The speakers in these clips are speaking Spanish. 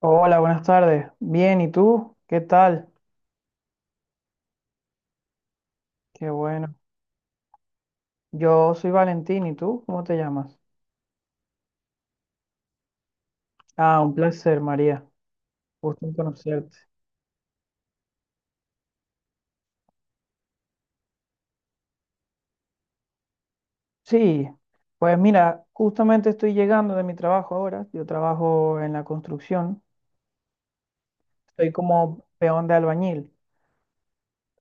Hola, buenas tardes. Bien, ¿y tú? ¿Qué tal? Qué bueno. Yo soy Valentín, ¿y tú? ¿Cómo te llamas? Ah, un placer, María. Gusto en conocerte. Sí, pues mira, justamente estoy llegando de mi trabajo ahora. Yo trabajo en la construcción. Estoy como peón de albañil.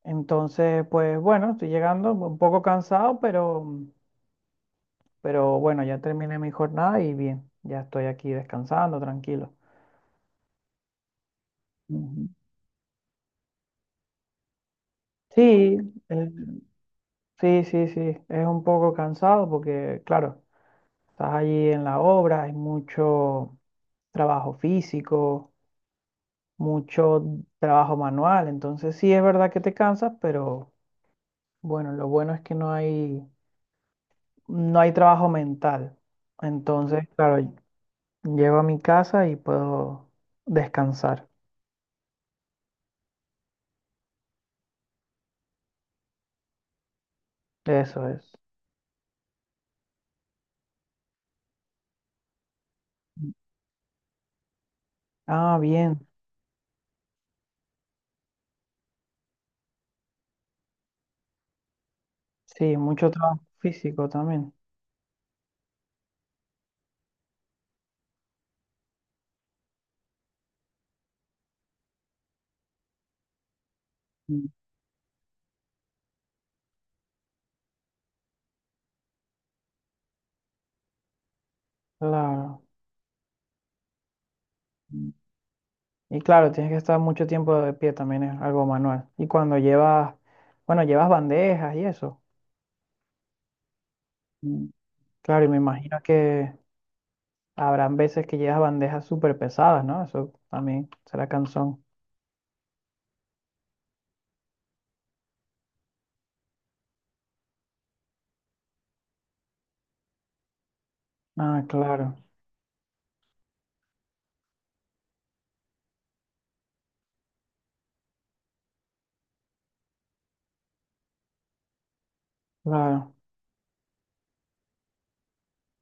Entonces, pues bueno, estoy llegando un poco cansado, pero bueno, ya terminé mi jornada y bien, ya estoy aquí descansando, tranquilo. Ujú. Sí, eh, sí, sí, sí, es un poco cansado porque, claro, estás allí en la obra, hay mucho trabajo físico, mucho trabajo manual, entonces sí es verdad que te cansas, pero bueno, lo bueno es que no hay trabajo mental. Entonces, claro, llego a mi casa y puedo descansar. Eso es. Ah, bien. Sí, mucho trabajo físico también. Mm. Claro. Y claro, tienes que estar mucho tiempo de pie también, es algo manual. Y cuando bueno, llevas bandejas y eso. Mm. Claro, y me imagino que habrán veces que llevas bandejas súper pesadas, ¿no? Eso también será cansón. Ah, claro, claro.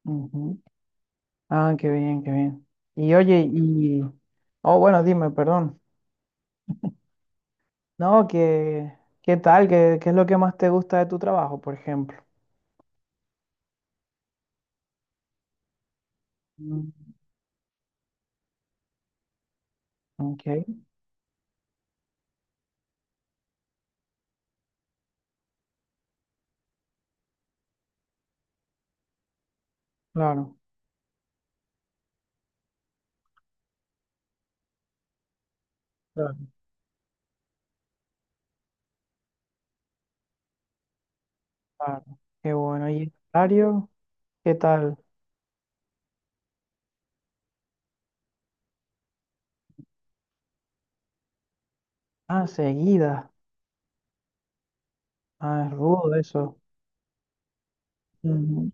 Ujú. Ah, qué bien, qué bien. Y oye, oh, bueno, dime, perdón. No, que, ¿qué tal? ¿Qué es lo que más te gusta de tu trabajo, por ejemplo? Mm. Ok, claro, claro, claro. Qué bueno. ¿Y el horario? ¿Qué tal? Ah, seguida. Ah, es rudo eso. Ujú.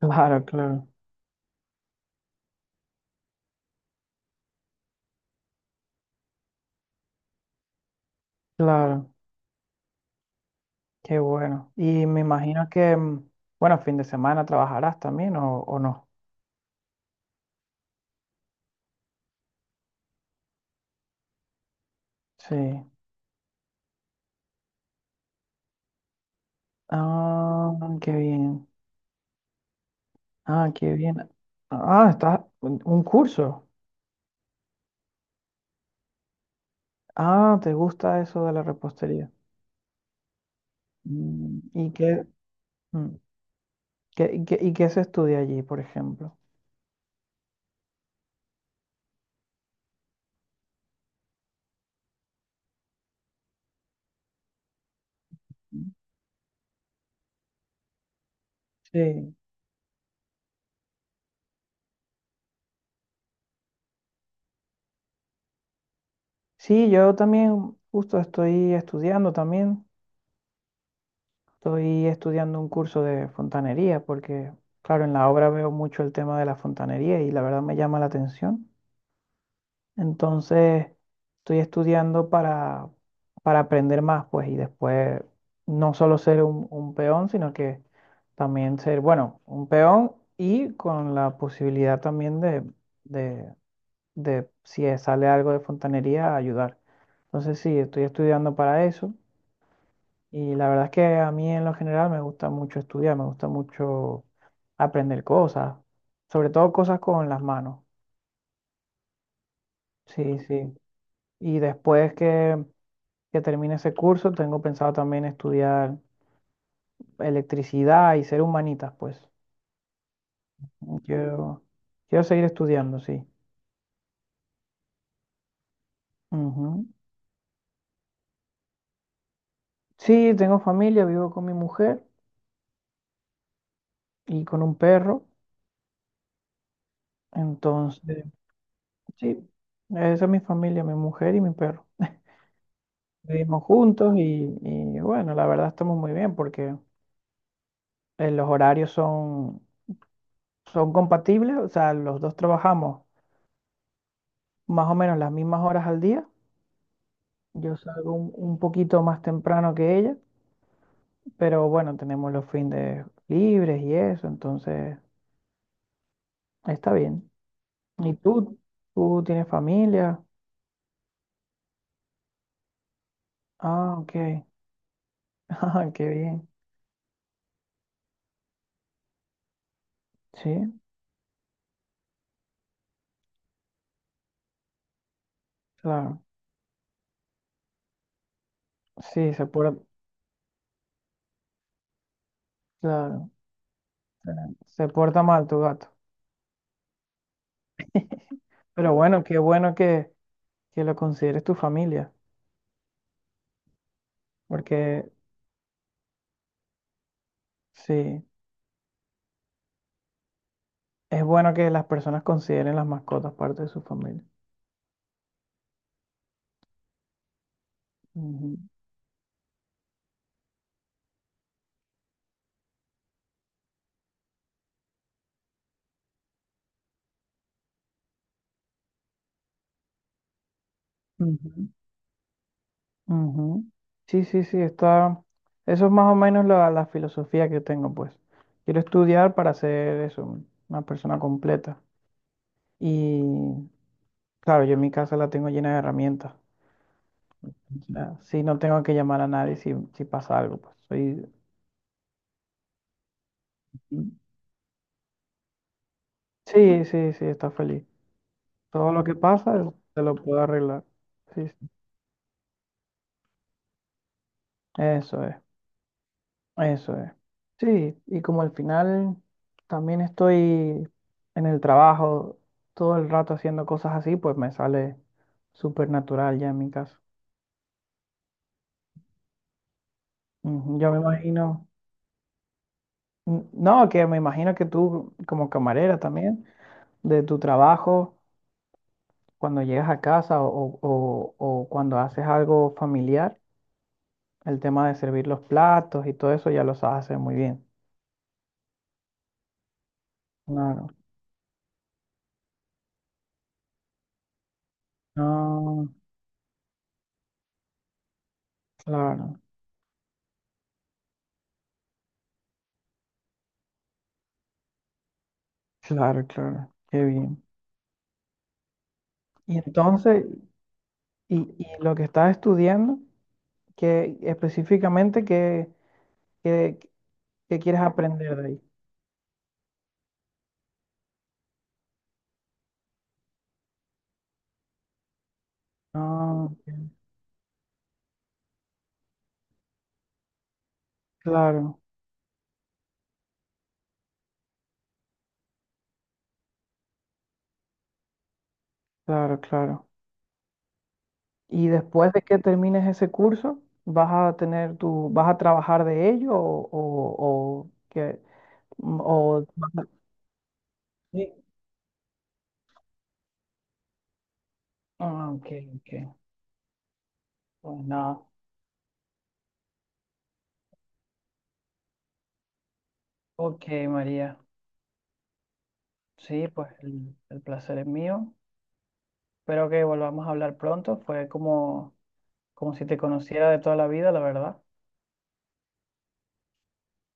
Claro, claro, claro. Qué bueno. Y me imagino que, bueno, fin de semana trabajarás también o no. Sí. Ah, qué bien. Ah, qué bien. Ah, está un curso. Ah, ¿te gusta eso de la repostería? ¿Y qué, mm, y qué, y qué se estudia allí, por ejemplo? Mm. Sí. Sí, yo también justo estoy estudiando también. Estoy estudiando un curso de fontanería porque, claro, en la obra veo mucho el tema de la fontanería y la verdad me llama la atención. Entonces, estoy estudiando para aprender más, pues, y después no solo ser un peón, sino que también ser, bueno, un peón y con la posibilidad también de, de si sale algo de fontanería, ayudar. Entonces, sí, estoy estudiando para eso. Y la verdad es que a mí en lo general me gusta mucho estudiar, me gusta mucho aprender cosas, sobre todo cosas con las manos. Sí, sí. Y después que termine ese curso, tengo pensado también estudiar electricidad y ser humanitas, pues. Quiero, quiero seguir estudiando, sí. Ujú. Sí, tengo familia, vivo con mi mujer y con un perro. Entonces, sí, esa es mi familia, mi mujer y mi perro. Vivimos juntos y, bueno, la verdad estamos muy bien porque los horarios son compatibles, o sea, los dos trabajamos más o menos las mismas horas al día. Yo salgo un poquito más temprano que ella, pero bueno, tenemos los fines libres y eso, entonces está bien. ¿Y tú? ¿Tú tienes familia? Ah, ok. Ah, qué bien. Sí, claro. Sí, se porta, claro. Se porta mal tu gato. Pero bueno, qué bueno que lo consideres tu familia, porque sí, es bueno que las personas consideren las mascotas parte de su familia. Ujú, ujú, ujú. Sí, sí, sí, está. Eso es más o menos la filosofía que tengo, pues. Quiero estudiar para ser eso, una persona completa. Y claro, yo en mi casa la tengo llena de herramientas. O sea, sí, no tengo que llamar a nadie si pasa algo, pues. Soy... Sí, sí, sí, está feliz. Todo lo que pasa, se lo puedo arreglar. Sí, sí. Eso es, eso es. Sí, y como al final también estoy en el trabajo todo el rato haciendo cosas así, pues me sale súper natural ya en mi caso. Ujú, yo me imagino, n- no, que me imagino que tú como camarera también, de tu trabajo, cuando llegas a casa o cuando haces algo familiar, el tema de servir los platos y todo eso ya lo sabes hacer muy bien. Claro, no, claro, claro, claro, qué bien. Y entonces, y lo que estás estudiando, que específicamente qué- qué quieres aprender de ahí. Ah, ok. Claro, claro, claro. Y después de que termines ese curso, vas a tener tu, vas a trabajar de ello o qué, o vas a- sí. Ah, ok, ok. Pues nada. Ok, María. Sí, pues el placer es mío. Espero que volvamos a hablar pronto. Fue como si te conociera de toda la vida, la verdad.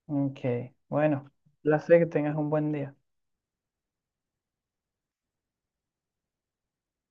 Ok, bueno, placer que tengas un buen día.